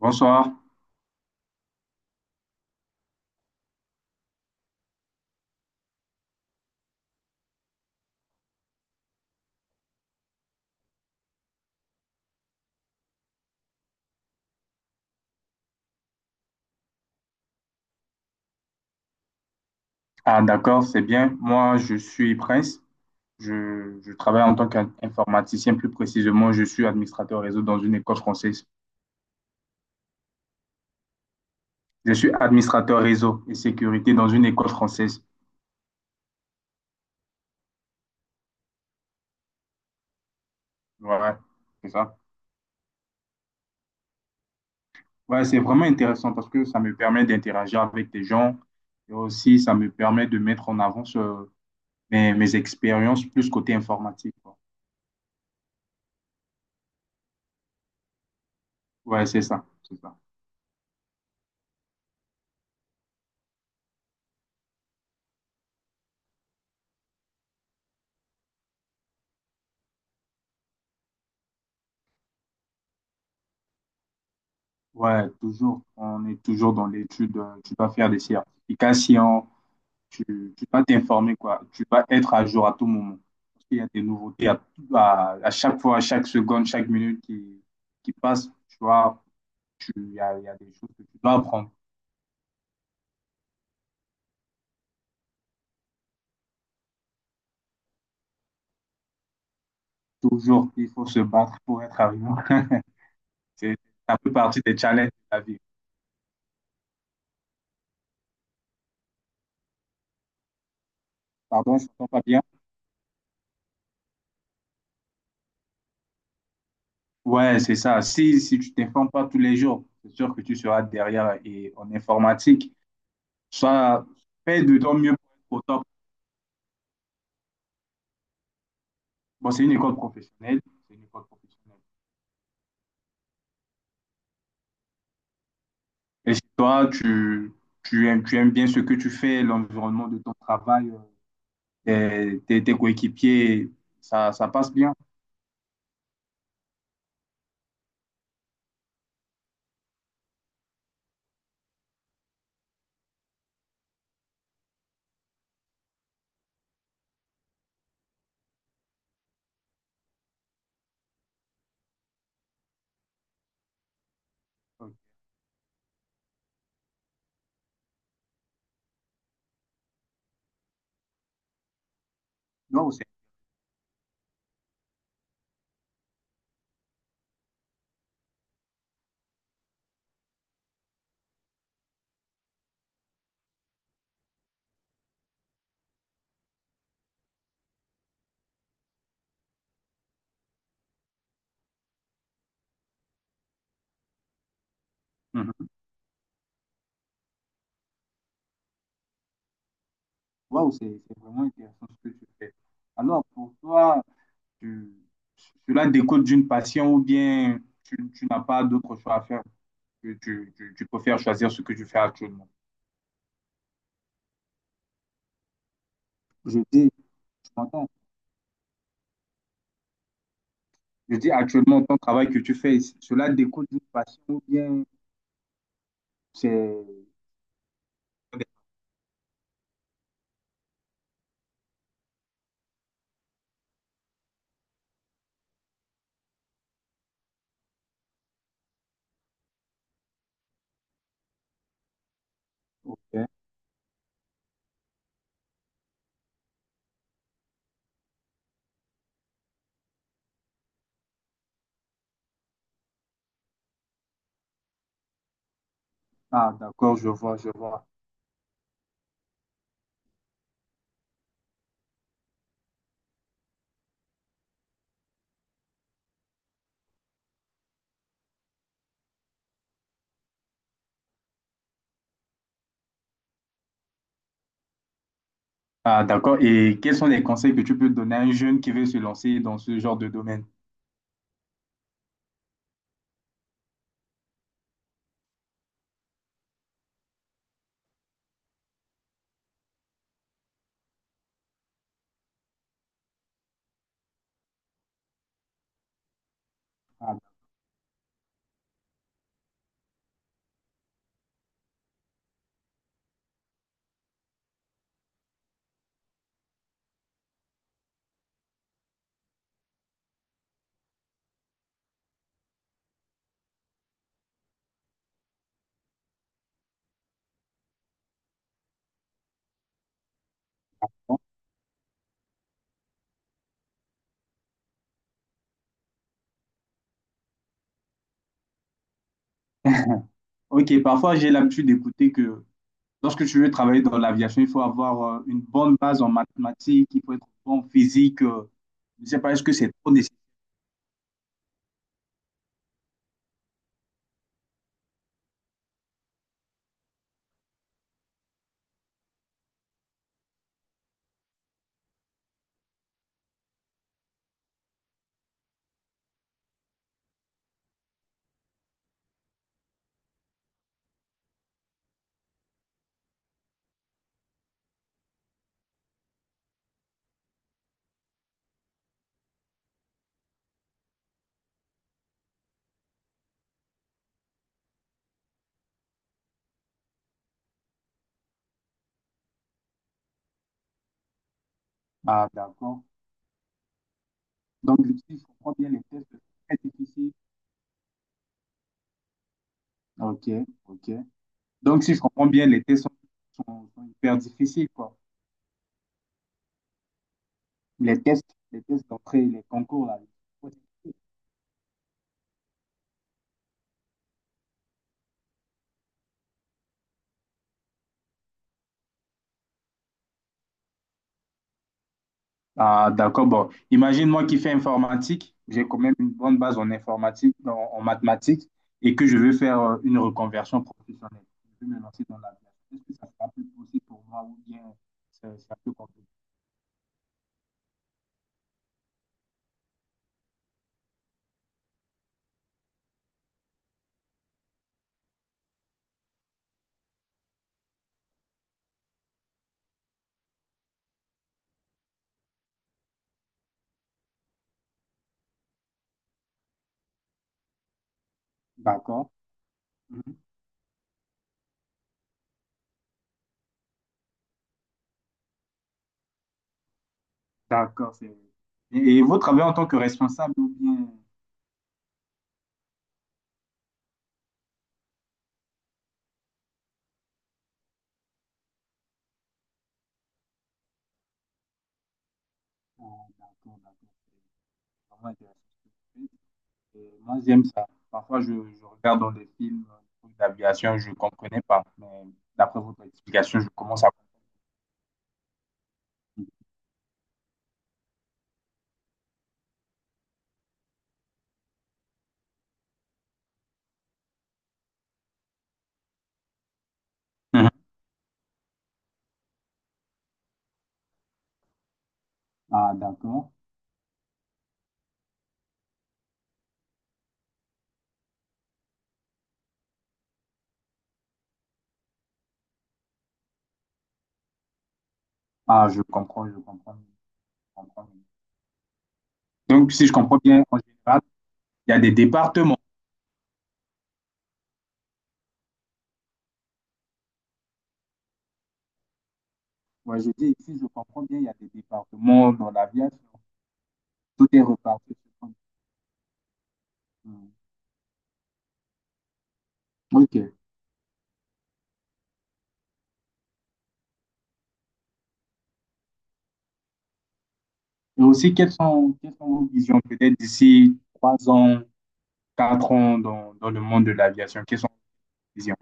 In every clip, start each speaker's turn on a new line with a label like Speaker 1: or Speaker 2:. Speaker 1: Bonsoir. Ah, d'accord, c'est bien. Moi, je suis Prince. Je travaille en tant qu'informaticien. Plus précisément, je suis administrateur réseau dans une école française. Je suis administrateur réseau et sécurité dans une école française. Voilà, c'est ça. Ouais, c'est vraiment intéressant parce que ça me permet d'interagir avec des gens et aussi ça me permet de mettre en avant mes expériences plus côté informatique, quoi. Ouais, c'est ça, c'est ça. Ouais, toujours, on est toujours dans l'étude. Tu dois faire des certifications tu, tu dois t'informer, quoi. Tu dois être à jour à tout moment. Parce qu'il y a des nouveautés à chaque fois, à chaque seconde, chaque minute qui passe. Tu vois, il y a des choses que tu dois apprendre. Toujours, il faut se battre pour être arrivant. C'est Ça fait partie des challenges de la vie. Pardon, je ne t'entends pas bien. Ouais, c'est ça. Si tu t'informes pas tous les jours, c'est sûr que tu seras derrière. Et en informatique, soit fais de ton mieux pour être au top. Bon, c'est une école professionnelle. C'est une école professionnelle. Et si toi, tu aimes bien ce que tu fais, l'environnement de ton travail, tes coéquipiers, ça passe bien. Waouh, c'est. Mhm. Waouh, c'est vraiment intéressant ce que tu fais. Alors, pour toi, tu, cela découle d'une passion ou bien tu n'as pas d'autre choix à faire que tu préfères choisir ce que tu fais actuellement. Je dis, tu m'entends? Je dis actuellement, ton travail que tu fais, cela découle d'une passion ou bien c'est... Ok. Ah, d'accord, je vois, je vois. Ah, d'accord. Et quels sont les conseils que tu peux donner à un jeune qui veut se lancer dans ce genre de domaine? Ah, d'accord. Ok, parfois j'ai l'habitude d'écouter que lorsque tu veux travailler dans l'aviation, il faut avoir une bonne base en mathématiques, il faut être bon en physique. Je ne sais pas, est-ce que c'est trop nécessaire? Ah, d'accord. Donc, si je comprends bien, les tests sont très difficiles. Ok, ok. Donc, si je comprends bien, les tests sont hyper difficiles, quoi. Les tests d'entrée, les concours, là. Ah, d'accord. Bon, imagine moi qui fais informatique, j'ai quand même une bonne base en informatique, en mathématiques, et que je veux faire une reconversion professionnelle. Je veux me lancer dans l'aviation. Est-ce que ça sera plus possible pour moi ou bien c'est un peu compliqué? D'accord. Mhm. D'accord. c'est- et vous travaillez en tant que responsable ou bien. Ah, d'accord, d'accord. C'est vraiment intéressant ce que vous faites. Et moi, j'aime ça. Parfois, je regarde dans des films des trucs d'aviation, je ne comprenais pas. Mais d'après votre explication, je commence à comprendre. Mhm. Ah, d'accord. Ah, je comprends, je comprends, je comprends. Donc, si je comprends bien, en général, il y a des départements. Ouais, je dis, si je comprends bien, il y a des départements dans l'aviation. Tout est reparti. Sur- Hmm. OK. Et aussi, quelles sont vos visions peut-être d'ici 3 ans, 4 ans dans le monde de l'aviation? Quelles sont vos visions?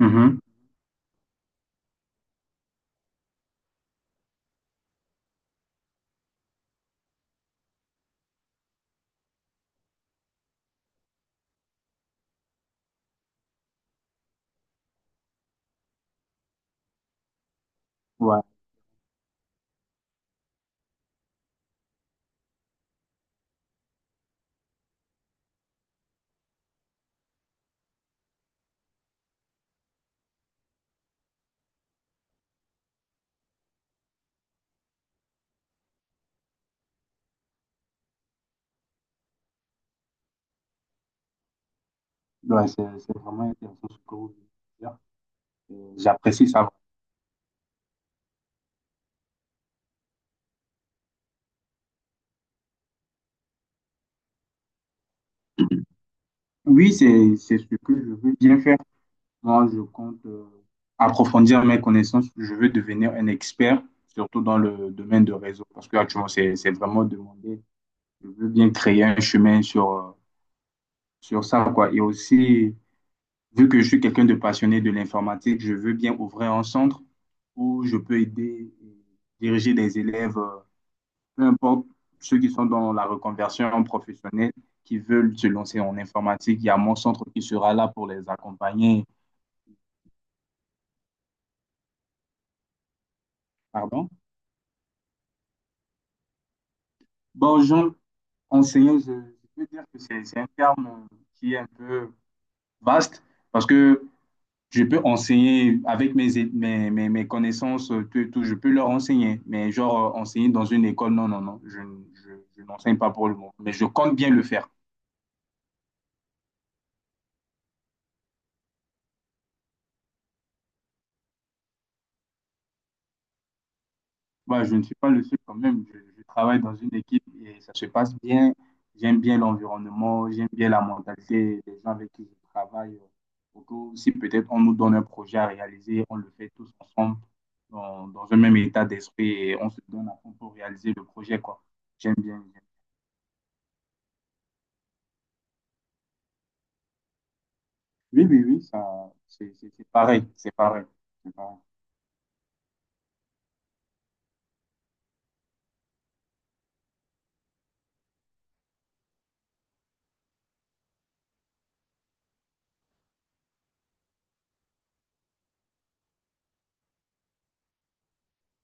Speaker 1: Mhm. Ouais, ouais, c'est vraiment intéressant ce que vous voulez dire. J'apprécie ça. Oui, c'est ce que je veux bien faire. Moi, je compte approfondir mes connaissances. Je veux devenir un expert, surtout dans le domaine de réseau, parce que actuellement, c'est vraiment demandé. Je veux bien créer un chemin sur ça, quoi. Et aussi, vu que je suis quelqu'un de passionné de l'informatique, je veux bien ouvrir un centre où je peux aider et diriger des élèves, peu importe ceux qui sont dans la reconversion professionnelle, qui veulent se lancer en informatique. Il y a mon centre qui sera là pour les accompagner. Pardon? Bonjour. Enseigner, je peux dire que c'est un terme qui est un peu vaste parce que je peux enseigner avec mes, é- mes, mes, mes connaissances, tout, je peux leur enseigner, mais genre enseigner dans une école, non, non, non, je n'enseigne pas pour le moment, mais je compte bien le faire. Bah, je ne suis pas le seul quand même. Je travaille dans une équipe et ça se passe bien. J'aime bien l'environnement, j'aime bien la mentalité des gens avec qui je travaille. Surtout si peut-être on nous donne un projet à réaliser, on le fait tous ensemble dans un même état d'esprit et on se donne à fond pour réaliser le projet, quoi. J'aime bien. J'aime- Oui, oui, oui, ça, c'est pareil, c'est pareil, c'est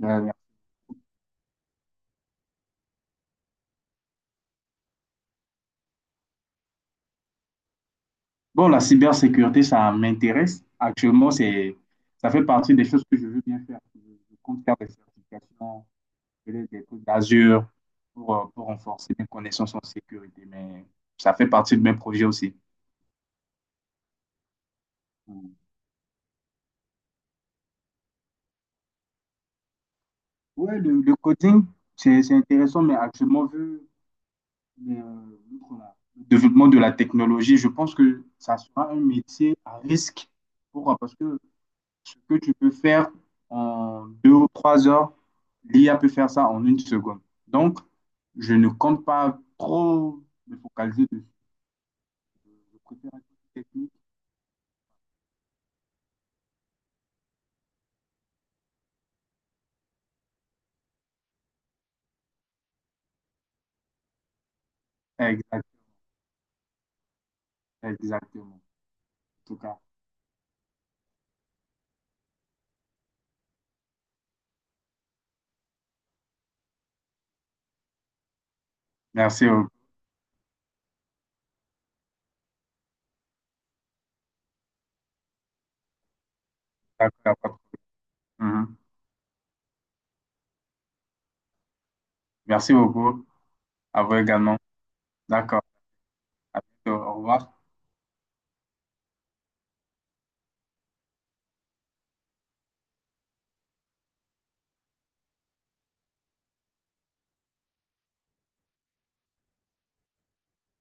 Speaker 1: pareil. Bon, la cybersécurité, ça m'intéresse. Actuellement, ça fait partie des choses que je veux bien faire. Je compte faire des certifications, peut-être des trucs d'Azure pour renforcer mes connaissances en sécurité. Mais ça fait partie de mes projets aussi. Mm. Ouais, le coding, c'est intéressant, mais actuellement, vu le, le développement de la technologie, je pense que ça sera un métier à risque pour, parce que ce que tu peux faire en 2 ou 3 heures, l'IA peut faire ça en 1 seconde. Donc, je ne compte pas trop me focaliser dessus. Je préfère être technique. Exact- Exactement. En tout cas, merci beaucoup. D'accord. Mhm. Merci beaucoup. À vous également. D'accord. À bientôt. Au revoir.